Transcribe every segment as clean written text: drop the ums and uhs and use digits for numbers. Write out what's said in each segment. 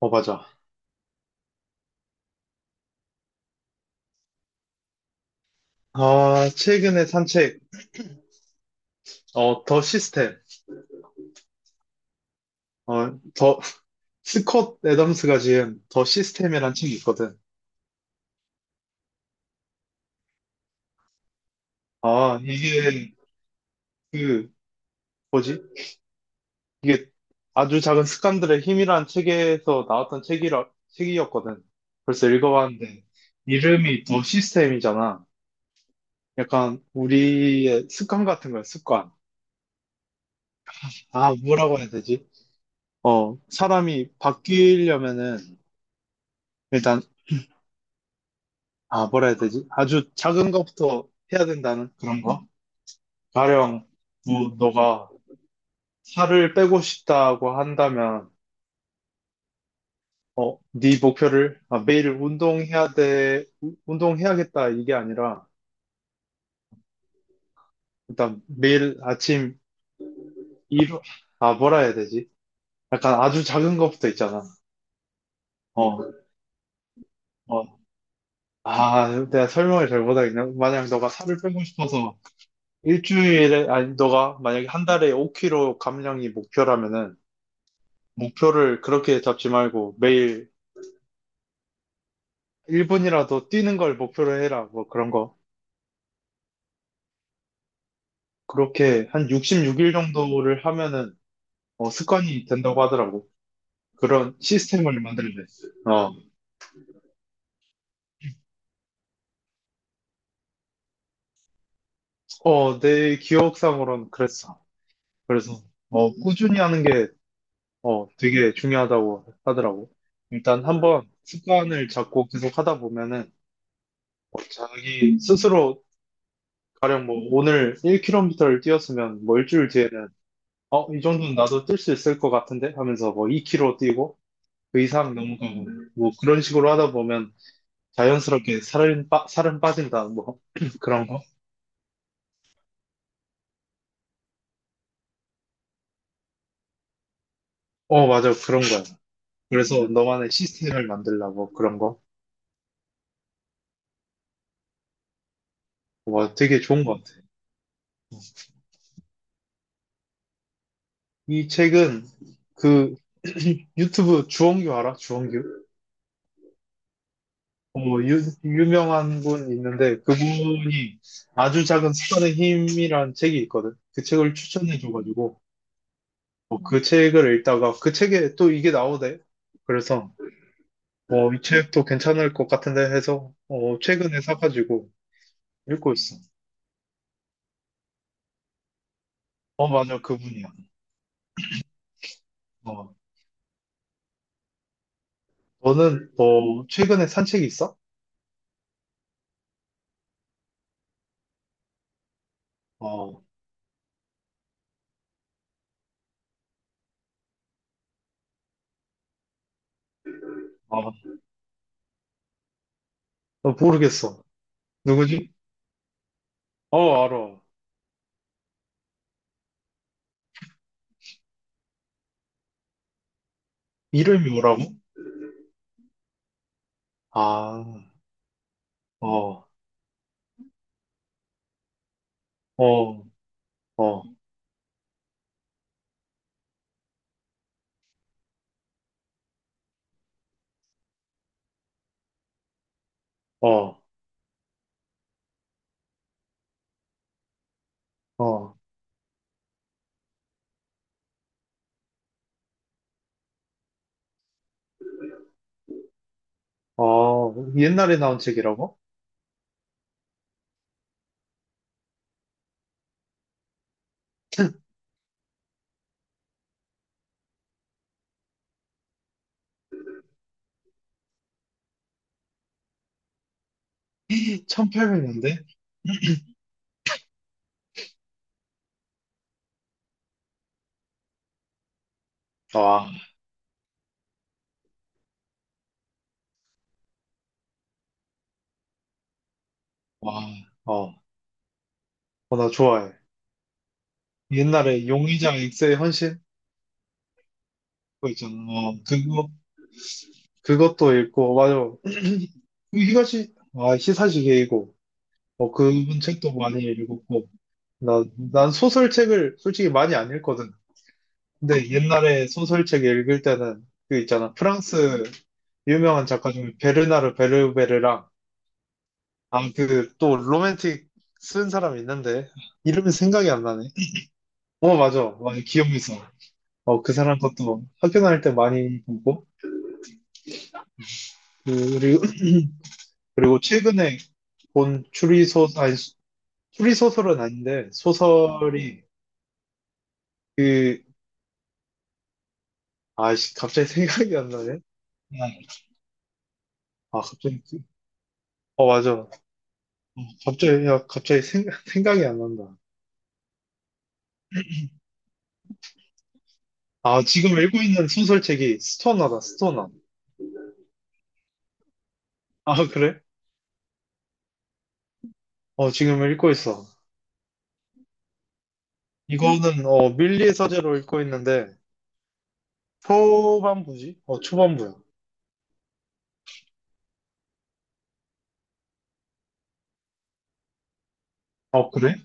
어, 맞아. 아, 최근에 산 책, 더 시스템, 어, 더, 스콧 애덤스가 지은 더 시스템이란 책이 있거든. 아, 이게, 그, 뭐지? 이게 아주 작은 습관들의 힘이란 책에서 나왔던 책이었거든. 벌써 읽어봤는데, 이름이 더 시스템이잖아. 약간, 우리의 습관 같은 거야, 습관. 아, 뭐라고 해야 되지? 사람이 바뀌려면은, 일단. 아, 뭐라 해야 되지? 아주 작은 것부터 해야 된다는 그런 거? 가령, 뭐, 너가 살을 빼고 싶다고 한다면, 네 목표를, 아, 매일 운동해야 돼, 운동해야겠다, 이게 아니라, 일단 매일 아침 일... 아, 뭐라 해야 되지? 약간 아주 작은 것부터 있잖아. 어, 어. 아, 내가 설명을 잘 못하겠네. 만약 너가 살을 빼고 싶어서 일주일에, 아니, 너가 만약에 한 달에 5kg 감량이 목표라면은, 목표를 그렇게 잡지 말고 매일 1분이라도 뛰는 걸 목표로 해라. 뭐 그런 거. 그렇게 한 66일 정도를 하면은 습관이 된다고 하더라고. 그런 시스템을 만들래. 어, 어, 내 기억상으로는 그랬어. 그래서 꾸준히 하는 게 되게 중요하다고 하더라고. 일단 한번 습관을 잡고 계속 하다 보면은 자기 스스로 가령 뭐 오늘 1km를 뛰었으면 뭐 일주일 뒤에는 이 정도는 나도 뛸 수 있을 것 같은데 하면서 뭐 2KG 뛰고 그 이상 넘어가고 뭐 그런 식으로 하다 보면 자연스럽게 살은 빠진다. 뭐 그런 거. 어, 맞아. 그런 거야. 그래서 너만의 시스템을 만들라고 그런 거. 와, 되게 좋은 것 같아. 이 책은 그 유튜브 주원규 알아? 주원규? 어, 유명한 분 있는데 그분이 아주 작은 습관의 힘이란 책이 있거든. 그 책을 추천해줘가지고 그 책을 읽다가 그 책에 또 이게 나오대. 그래서 이 책도 괜찮을 것 같은데 해서 최근에 사가지고 읽고 있어. 어, 맞아. 그분이야. 어, 너는 최근에 산 책 있어? 어, 어, 어, 모르겠어. 누구지? 어, 알아. 이름이 뭐라고? 아, 어, 어, 어, 어, 어, 어, 옛날에 나온 책이라고? 1800년대? 와, 와, 어, 어, 나 좋아해. 옛날에 용의장 엑스의 헌신 그거 있잖아. 어, 그거 그것도 읽고 맞아. 그 히가시 아 히사시 게이고. 어, 그분 책도 많이 읽었고 나, 난 소설책을 솔직히 많이 안 읽거든. 근데 옛날에 소설책 읽을 때는 그 있잖아. 프랑스 유명한 작가 중에 베르나르 베르베르랑 아 그 또 로맨틱 쓴 사람 있는데 이름이 생각이 안 나네. 어, 맞아. 맞아 기억이 있어. 어 그 사람 것도 학교 다닐 때 많이 보고 고그리 그리고 최근에 본 추리소설, 아니, 수- 추리소설은 아닌데, 소설이 그, 아, 씨, 갑자기 생각이 안 나네? 아, 갑자기, 어, 맞아. 어, 갑자기, 야, 생각이 안 난다. 아, 지금 읽고 있는 소설책이 스토너다, 스토너. 아, 그래? 어, 지금 읽고 있어. 이거는, 밀리의 서재로 읽고 있는데, 초반부지? 어, 초반부야. 어, 그래?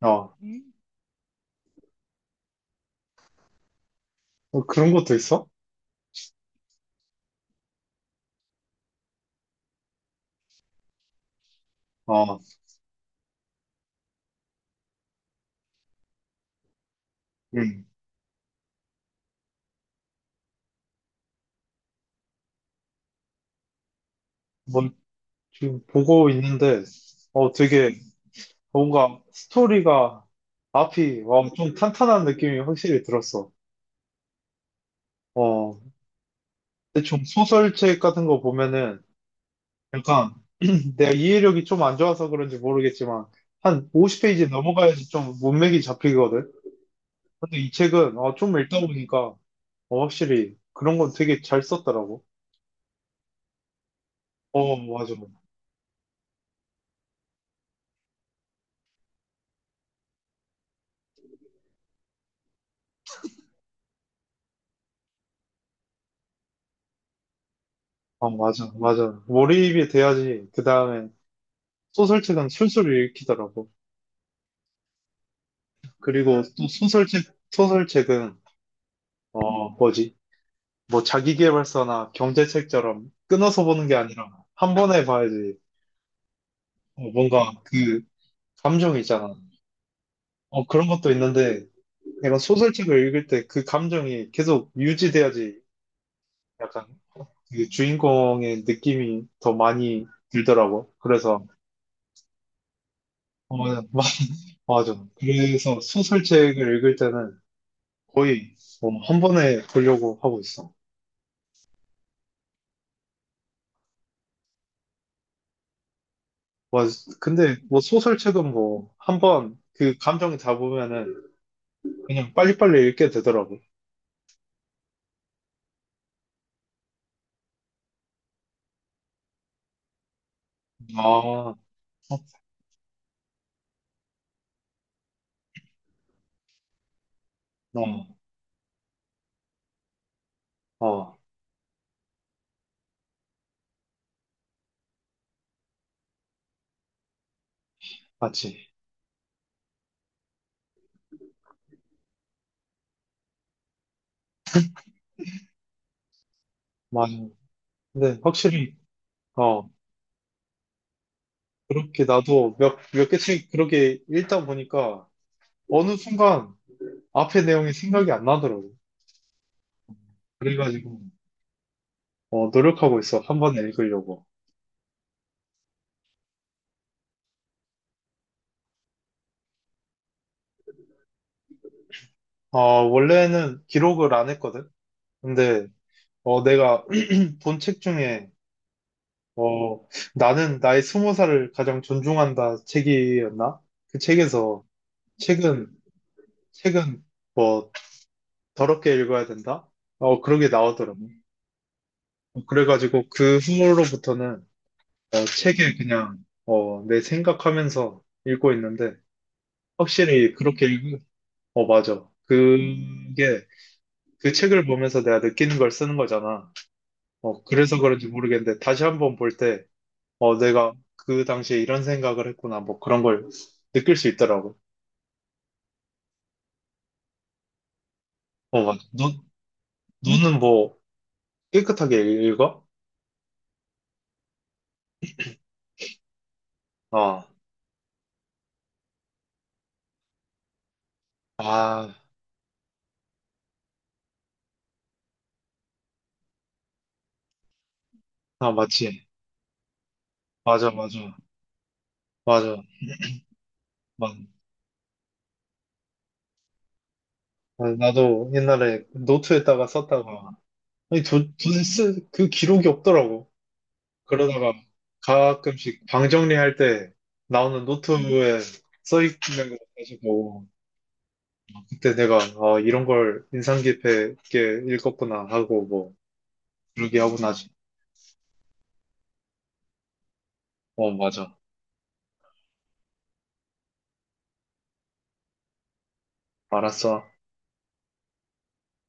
어, 어, 그런 것도 있어? 어, 응. 뭐, 지금 보고 있는데, 어, 되게, 뭔가 스토리가 앞이 엄청 탄탄한 느낌이 확실히 들었어. 어, 대충 소설책 같은 거 보면은 약간 내가 이해력이 좀 안 좋아서 그런지 모르겠지만 한 50페이지 넘어가야지 좀 문맥이 잡히거든. 근데 이 책은 좀 읽다 보니까 확실히 그런 건 되게 잘 썼더라고. 어, 맞아. 어, 맞아, 맞아. 몰입이 돼야지 그 다음에 소설책은 술술 읽히더라고. 그리고 또 소설책은 어, 뭐지? 뭐 자기계발서나 경제책처럼 끊어서 보는 게 아니라 한 번에 봐야지 뭔가 그 감정이 있잖아. 어, 그런 것도 있는데 내가 소설책을 읽을 때 그 감정이 계속 유지돼야지 약간 그 주인공의 느낌이 더 많이 들더라고. 그래서 어, 마- 맞아. 그래서 소설책을 읽을 때는 거의 한 번에 보려고 하고 있어. 와, 근데 뭐 소설책은 뭐 한 번 그 감정이 잡으면은 그냥 빨리빨리 읽게 되더라고. 아, 어, 어, 어, 맞지. 맞아. 근데 확실히, 어, 그렇게 나도 몇 개 책 그렇게 읽다 보니까 어느 순간 앞에 내용이 생각이 안 나더라고. 그래가지고, 노력하고 있어. 한 번에 읽으려고. 어, 원래는 기록을 안 했거든. 근데, 내가 본 책 중에, 어, 나는 나의 스무 살을 가장 존중한다 책이었나? 그 책은, 책은, 뭐 더럽게 읽어야 된다? 그런 게 나오더라고. 어, 그래가지고 그 후로부터는 책을 그냥 내 생각하면서 읽고 있는데 확실히 그렇게 읽으, 어, 맞아. 그게 그 책을 보면서 내가 느끼는 걸 쓰는 거잖아. 그래서 그런지 모르겠는데 다시 한번 볼 때, 내가 그 당시에 이런 생각을 했구나. 뭐 그런 걸 느낄 수 있더라고. 어, 맞아. 눈은 뭐 깨끗하게 읽어? 아, 아, 아, 맞지. 맞아, 맞아. 맞아. 막, 아, 나도 옛날에 노트에다가 썼다가, 아니, 도대체 그 기록이 없더라고. 그러다가 가끔씩 방 정리할 때 나오는 노트에 써 있는 거 가지고, 그때 내가, 아, 이런 걸 인상 깊게 읽었구나 하고, 뭐, 그러게 하고 나지. 어, 맞아. 알았어.